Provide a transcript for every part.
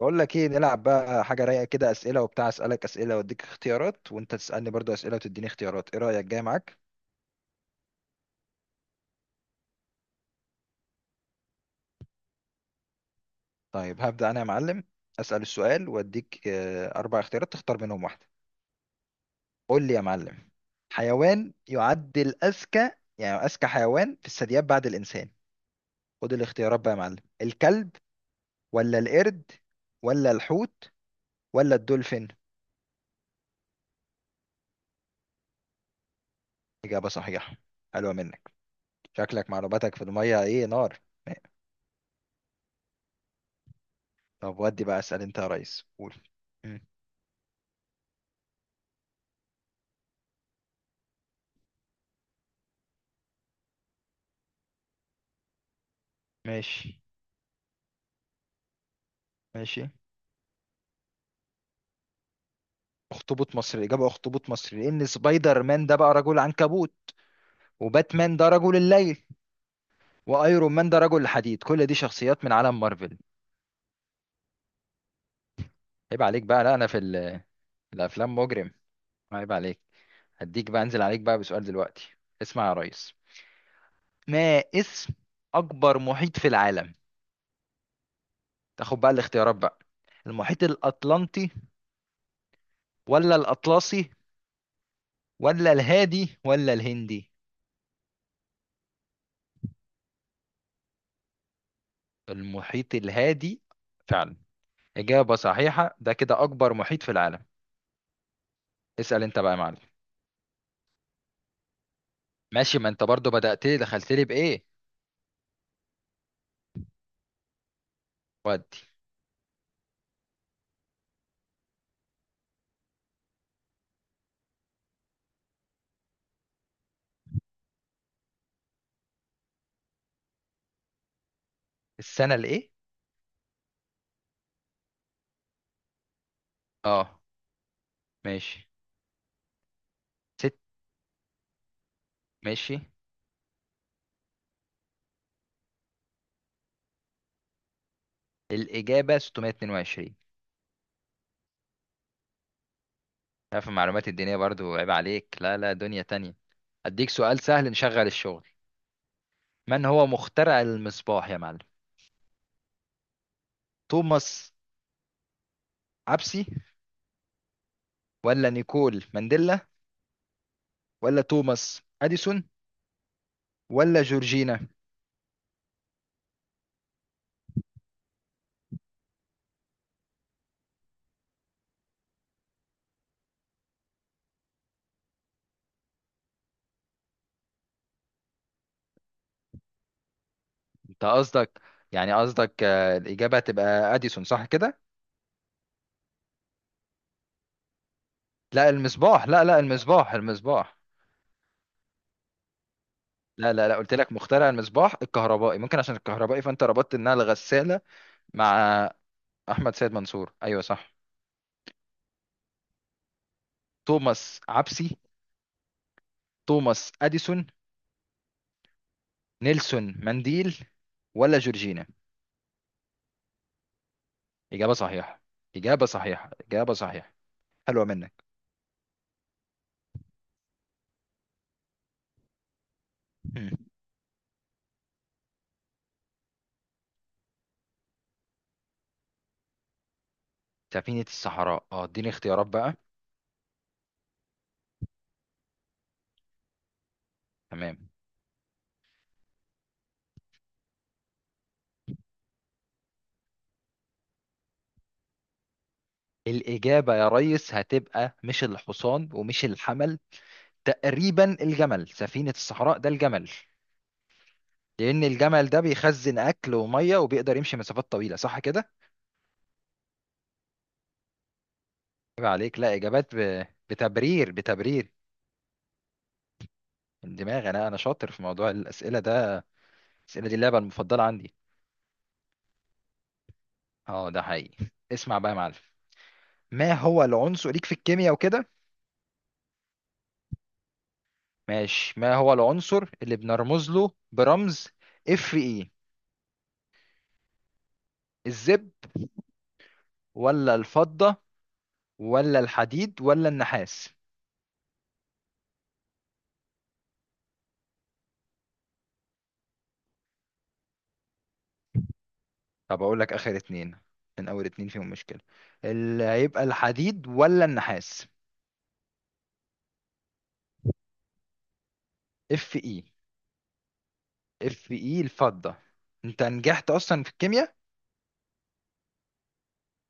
بقول لك ايه، نلعب بقى حاجه رايقه كده. اسئله وبتاع، اسالك اسئله واديك اختيارات وانت تسالني برضو اسئله وتديني اختيارات. ايه رايك؟ جاي معاك. طيب هبدا انا يا معلم. اسال السؤال واديك اربع اختيارات تختار منهم واحده. قول لي يا معلم. حيوان يعد الاذكى، يعني اذكى حيوان في الثدييات بعد الانسان. خد الاختيارات بقى يا معلم. الكلب، ولا القرد، ولا الحوت، ولا الدولفين؟ اجابه صحيحه. حلوه منك. شكلك معلوماتك في الميه، ايه نار. طب ودي بقى، اسال انت يا ريس، قول. ماشي. ماشي. اخطبوط مصري. الاجابه اخطبوط مصري، لان سبايدر مان ده بقى رجل عنكبوت، وباتمان ده رجل الليل، وايرون مان ده رجل حديد، كل دي شخصيات من عالم مارفل. عيب عليك بقى. لا انا في ال- الافلام مجرم. عيب عليك. هديك بقى، انزل عليك بقى بسؤال دلوقتي. اسمع يا ريس. ما اسم اكبر محيط في العالم؟ تاخد بقى الاختيارات بقى. المحيط الاطلنطي، ولا الاطلسي، ولا الهادي، ولا الهندي؟ المحيط الهادي فعلا. إجابة صحيحة، ده كده أكبر محيط في العالم. اسأل أنت بقى يا معلم. ماشي، ما أنت برضو بدأت لي، دخلت لي بإيه. ودي. السنة الإيه؟ أه، ماشي. ست، ماشي. الإجابة 622. لا في المعلومات الدينية برضو عيب عليك، لا لا، دنيا تانية. أديك سؤال سهل نشغل الشغل. من هو مخترع المصباح يا معلم؟ توماس عبسي، ولا نيكول مانديلا، ولا توماس أديسون، ولا جورجينا؟ أنت قصدك، يعني قصدك الإجابة هتبقى أديسون صح كده؟ لا المصباح، لا لا، المصباح المصباح. لا لا لا، قلت لك مخترع المصباح الكهربائي، ممكن عشان الكهربائي فانت ربطت انها الغسالة. مع احمد سيد منصور، ايوه صح. توماس عبسي، توماس اديسون، نيلسون مانديل، ولا جورجينا؟ اجابة صحيحة، اجابة صحيحة، اجابة صحيحة. حلوة منك. مم. سفينة الصحراء، اه اديني اختيارات بقى. تمام. الاجابة يا ريس هتبقى مش الحصان ومش الحمل، تقريبا الجمل. سفينة الصحراء ده الجمل، لأن الجمل ده بيخزن أكل ومية وبيقدر يمشي مسافات طويلة، صح كده؟ عيب عليك. لا، إجابات بتبرير، بتبرير. من دماغي أنا، أنا شاطر في موضوع الأسئلة ده، الأسئلة دي اللعبة المفضلة عندي. أه ده حقيقي. اسمع بقى يا معلم، ما هو العنصر ليك في الكيمياء وكده؟ ماشي. ما هو العنصر اللي بنرمز له برمز اف اي؟ الزب، ولا الفضة، ولا الحديد، ولا النحاس؟ طب أقول لك آخر اتنين، من أول اتنين فيهم مشكلة. اللي هيبقى الحديد ولا النحاس؟ اف اي. اف اي الفضة؟ انت نجحت اصلا في الكيمياء.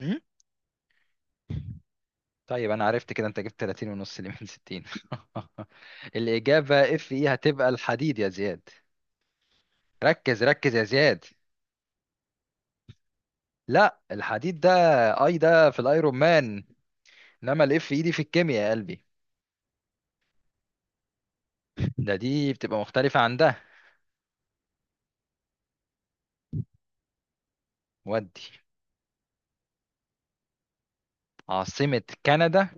مم؟ طيب انا عرفت كده، انت جبت 30 ونص اللي من 60. الاجابة اف اي هتبقى الحديد يا زياد. ركز ركز يا زياد. لا الحديد ده. اي ده في الايرون مان، انما الاف اي دي في الكيمياء يا قلبي. ده دي بتبقى مختلفة عن ده. ودي. عاصمة كندا.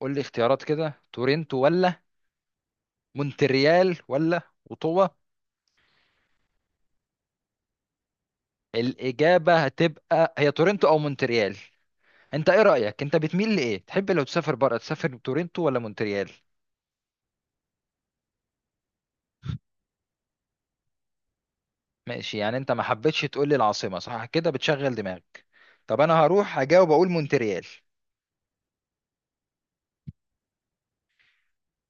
قول لي اختيارات كده. تورنتو، ولا مونتريال، ولا اوتوا. الإجابة هتبقى هي تورنتو أو مونتريال. انت ايه رأيك؟ انت بتميل لايه؟ تحب لو تسافر بره تسافر تورنتو ولا مونتريال؟ ماشي، يعني انت ما حبيتش تقول لي العاصمة، صح كده؟ بتشغل دماغك. طب انا هروح هجاوب، اقول مونتريال.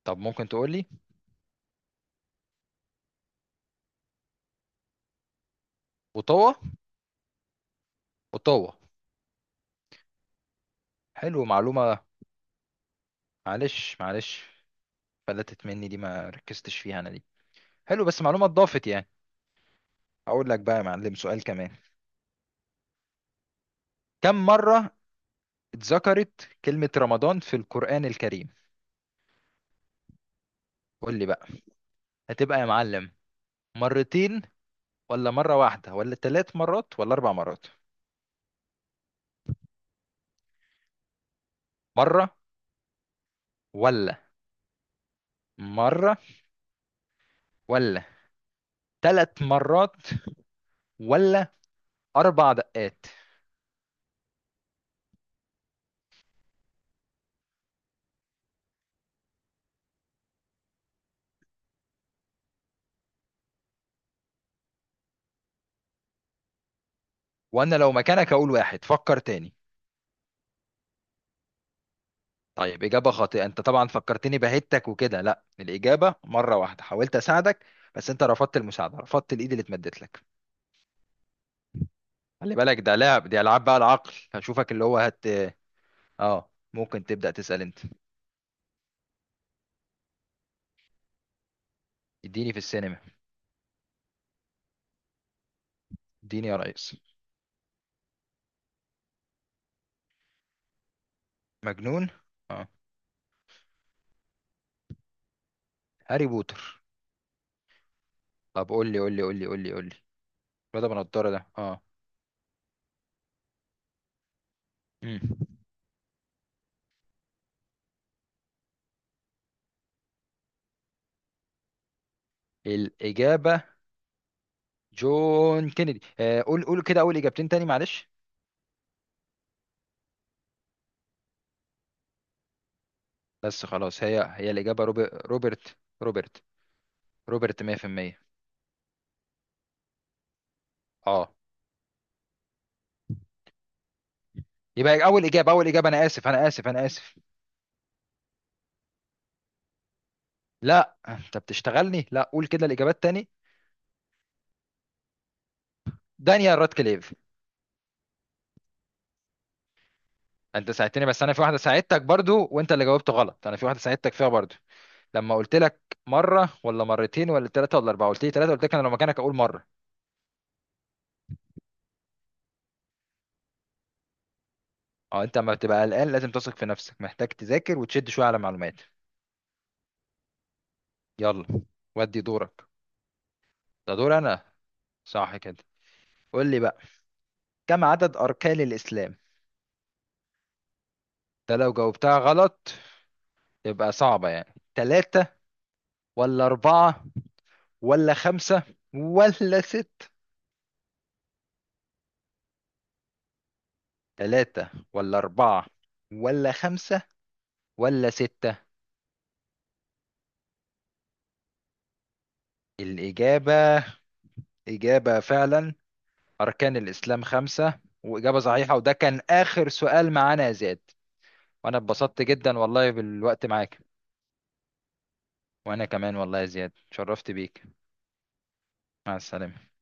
طب ممكن تقول لي. اوتاوا. اوتاوا. حلو، معلومة. معلش، معلش. فلتت مني دي، ما ركزتش فيها انا دي. حلو، بس معلومة اتضافت يعني. اقول لك بقى يا معلم سؤال كمان. كم مرة اتذكرت كلمة رمضان في القرآن الكريم؟ قول لي بقى. هتبقى يا معلم مرتين، ولا مرة واحدة، ولا ثلاث مرات، ولا أربع مرات؟ مرة، ولا مرة، ولا ثلاث مرات، ولا أربع دقات. وأنا لو مكانك هقول واحد، فكر تاني. طيب إجابة خاطئة. أنت طبعا فكرتني بهتك وكده. لا الإجابة مرة واحدة. حاولت أساعدك بس أنت رفضت المساعدة، رفضت الإيد اللي اتمدت لك. خلي بالك ده لعب، دي ألعاب بقى العقل، هشوفك اللي هو هت. آه ممكن تبدأ تسأل أنت. اديني في السينما. اديني يا ريس. مجنون. آه. هاري بوتر. طب قول لي قول لي. بدأ بنضارة ده اه. مم. الإجابة جون كينيدي. آه قول قول كده أول إجابتين تاني معلش. بس خلاص هي هي الإجابة روبرت. روبرت. روبرت 100%. اه. يبقى أول إجابة أول إجابة، أنا آسف أنا آسف أنا آسف. لا أنت بتشتغلني. لا قول كده الإجابات تاني. دانيال راتكليف. أنت ساعدتني بس أنا في واحدة ساعدتك برضو، وأنت اللي جاوبت غلط. أنا في واحدة ساعدتك فيها برضو. لما قلت لك مرة ولا مرتين ولا ثلاثة ولا أربعة، قلت لي ثلاثة، قلت لك أنا لو مكانك أقول مرة. اه انت لما بتبقى قلقان لازم تثق في نفسك، محتاج تذاكر وتشد شويه على معلومات. يلا. ودي دورك. ده دور انا، صح كده؟ قول لي بقى. كم عدد اركان الاسلام؟ ده لو جاوبتها غلط يبقى صعبه. يعني تلاتة، ولا أربعة، ولا خمسة، ولا ست؟ تلاتة ولا أربعة ولا خمسة ولا ستة. الإجابة، إجابة فعلا. أركان الإسلام خمسة، وإجابة صحيحة، وده كان آخر سؤال معانا يا زياد. وانا اتبسطت جدا والله بالوقت معاك. وانا كمان والله يا زياد شرفت بيك. مع السلامة.